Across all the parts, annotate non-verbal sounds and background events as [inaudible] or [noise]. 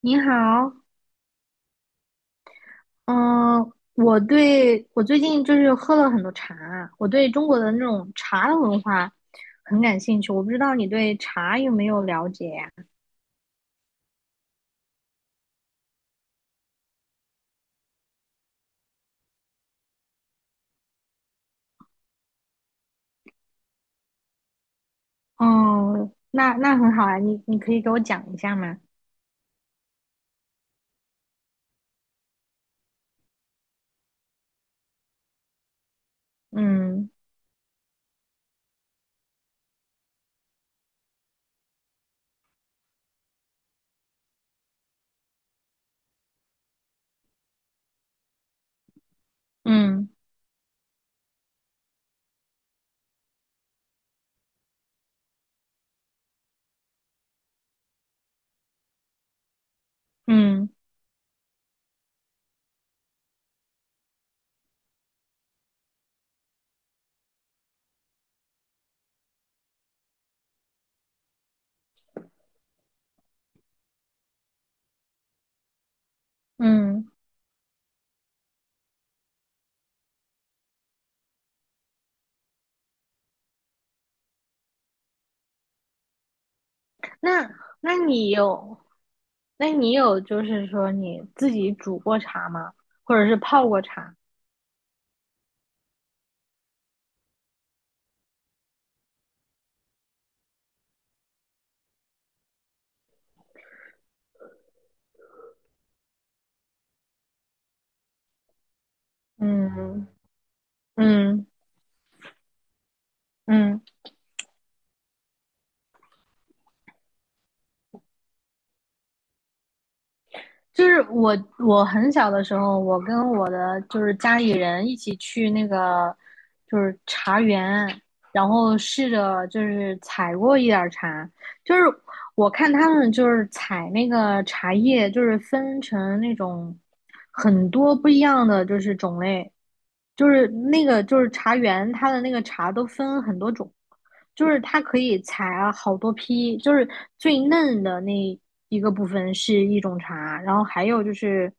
你好，嗯，我最近就是喝了很多茶，我对中国的那种茶的文化很感兴趣。我不知道你对茶有没有了解呀？哦，那很好啊，你可以给我讲一下吗？嗯嗯嗯嗯，那那你有，那你有就是说你自己煮过茶吗？或者是泡过茶？嗯嗯嗯就是我很小的时候，我跟我的就是家里人一起去那个就是茶园，然后试着就是采过一点儿茶，就是我看他们就是采那个茶叶，就是分成那种很多不一样的就是种类，就是那个就是茶园，它的那个茶都分很多种，就是它可以采啊好多批，就是最嫩的那一个部分是一种茶，然后还有就是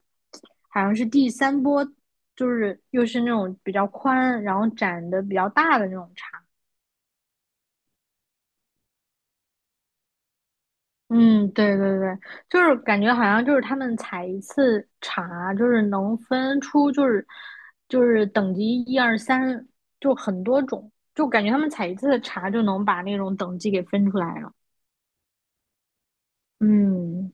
好像是第三波，就是又是那种比较宽，然后展的比较大的那种茶。嗯，对对对，就是感觉好像就是他们采一次茶，就是能分出就是等级一二三，就很多种，就感觉他们采一次茶就能把那种等级给分出来了。嗯，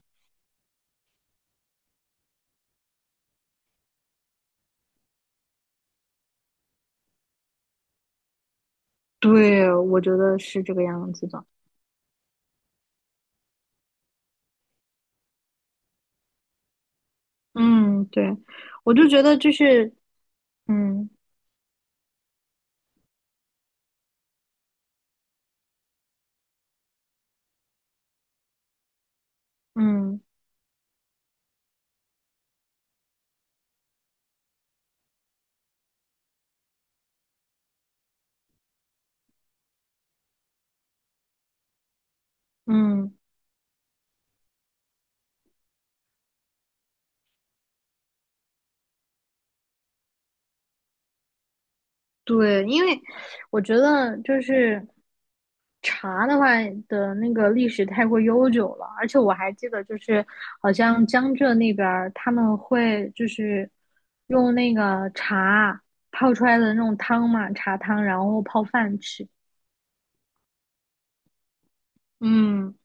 对，我觉得是这个样子的。嗯，对，我就觉得就是，嗯嗯嗯，对，因为我觉得就是。茶的话的那个历史太过悠久了，而且我还记得，就是好像江浙那边儿他们会就是用那个茶泡出来的那种汤嘛，茶汤，然后泡饭吃。嗯，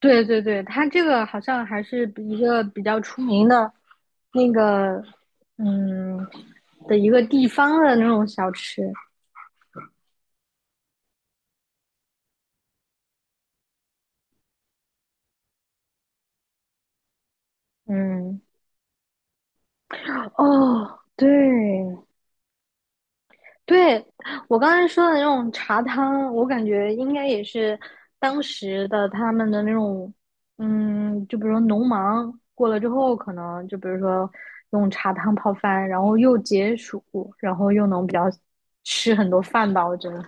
对对对，它这个好像还是一个比较出名的，那个嗯的一个地方的那种小吃。嗯，哦，对，对，我刚才说的那种茶汤，我感觉应该也是当时的他们的那种，嗯，就比如说农忙过了之后，可能就比如说用茶汤泡饭，然后又解暑，然后又能比较吃很多饭吧，我觉得。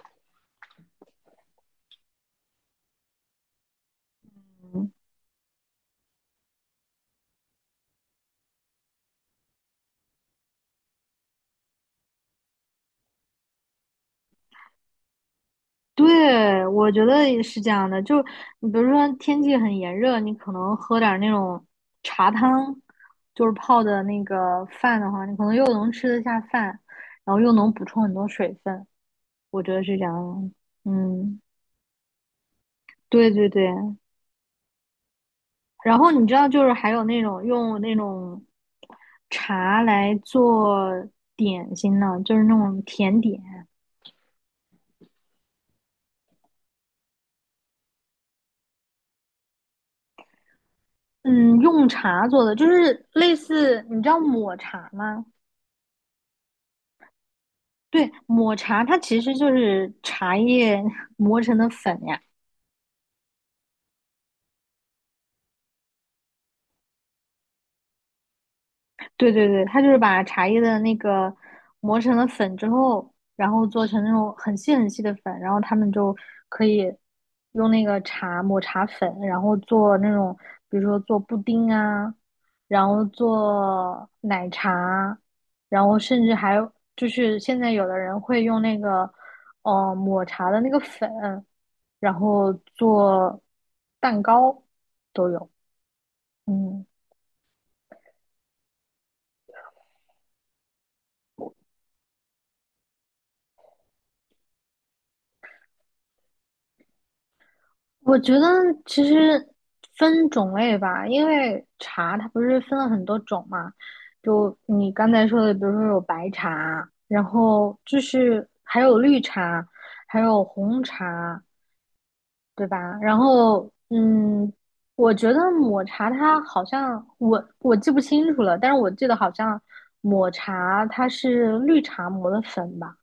对，我觉得也是这样的。就你比如说天气很炎热，你可能喝点儿那种茶汤，就是泡的那个饭的话，你可能又能吃得下饭，然后又能补充很多水分。我觉得是这样。嗯，对对对。然后你知道，就是还有那种用那种茶来做点心呢，就是那种甜点。嗯，用茶做的，就是类似你知道抹茶吗？对，抹茶它其实就是茶叶 [laughs] 磨成的粉呀。对对对，它就是把茶叶的那个磨成了粉之后，然后做成那种很细很细的粉，然后他们就可以用那个茶抹茶粉，然后做那种，比如说做布丁啊，然后做奶茶，然后甚至还有就是现在有的人会用那个，抹茶的那个粉，然后做蛋糕都有，嗯。我觉得其实分种类吧，因为茶它不是分了很多种嘛，就你刚才说的，比如说有白茶，然后就是还有绿茶，还有红茶，对吧？然后嗯，我觉得抹茶它好像我记不清楚了，但是我记得好像抹茶它是绿茶磨的粉吧。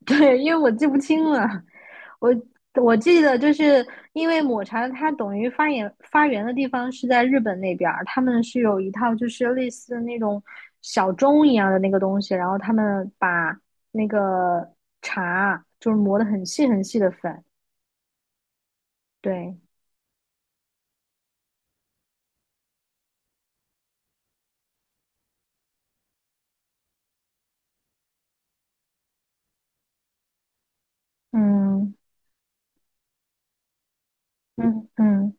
[laughs] 对，因为我记不清了，我我记得就是因为抹茶它等于发源的地方是在日本那边儿，他们是有一套就是类似那种小钟一样的那个东西，然后他们把那个茶就是磨得很细很细的粉，对，嗯嗯嗯。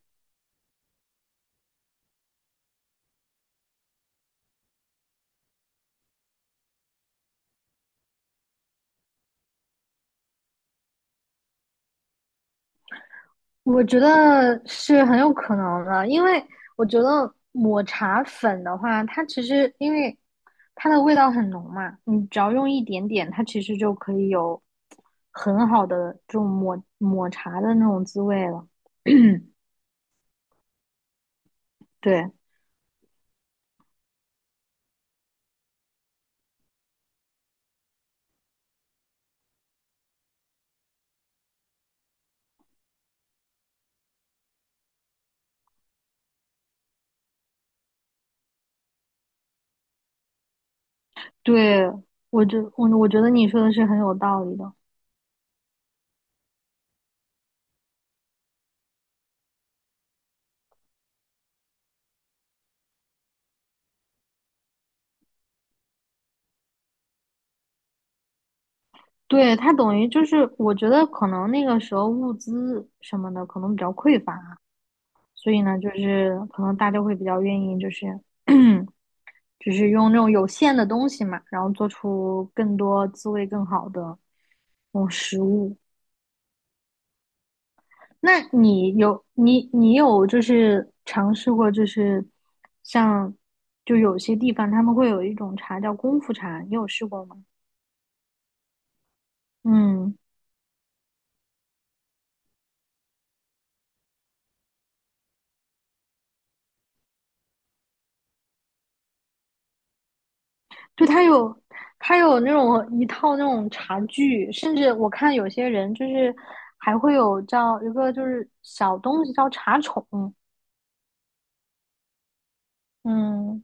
我觉得是很有可能的，因为我觉得抹茶粉的话，它其实因为它的味道很浓嘛，你只要用一点点，它其实就可以有很好的这种抹茶的那种滋味了。嗯对对，我觉得你说的是很有道理的。对，它等于就是，我觉得可能那个时候物资什么的可能比较匮乏，所以呢，就是可能大家会比较愿意就是 [clears throat] 只是用那种有限的东西嘛，然后做出更多滋味更好的那种食物。那你有就是尝试过就是像就有些地方他们会有一种茶叫功夫茶，你有试过吗？嗯，就它有那种一套那种茶具，甚至我看有些人就是还会有叫一个就是小东西叫茶宠，嗯，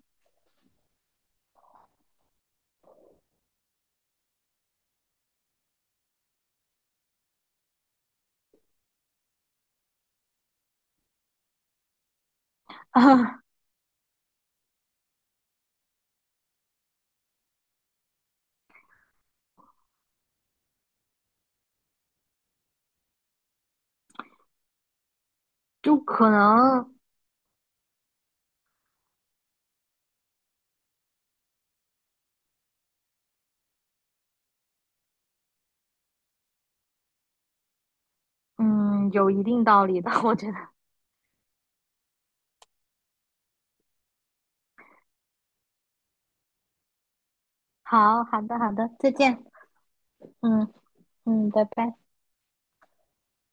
[laughs] 就可能嗯，有一定道理的，我觉得。好，好的，好的，再见。嗯嗯，拜拜。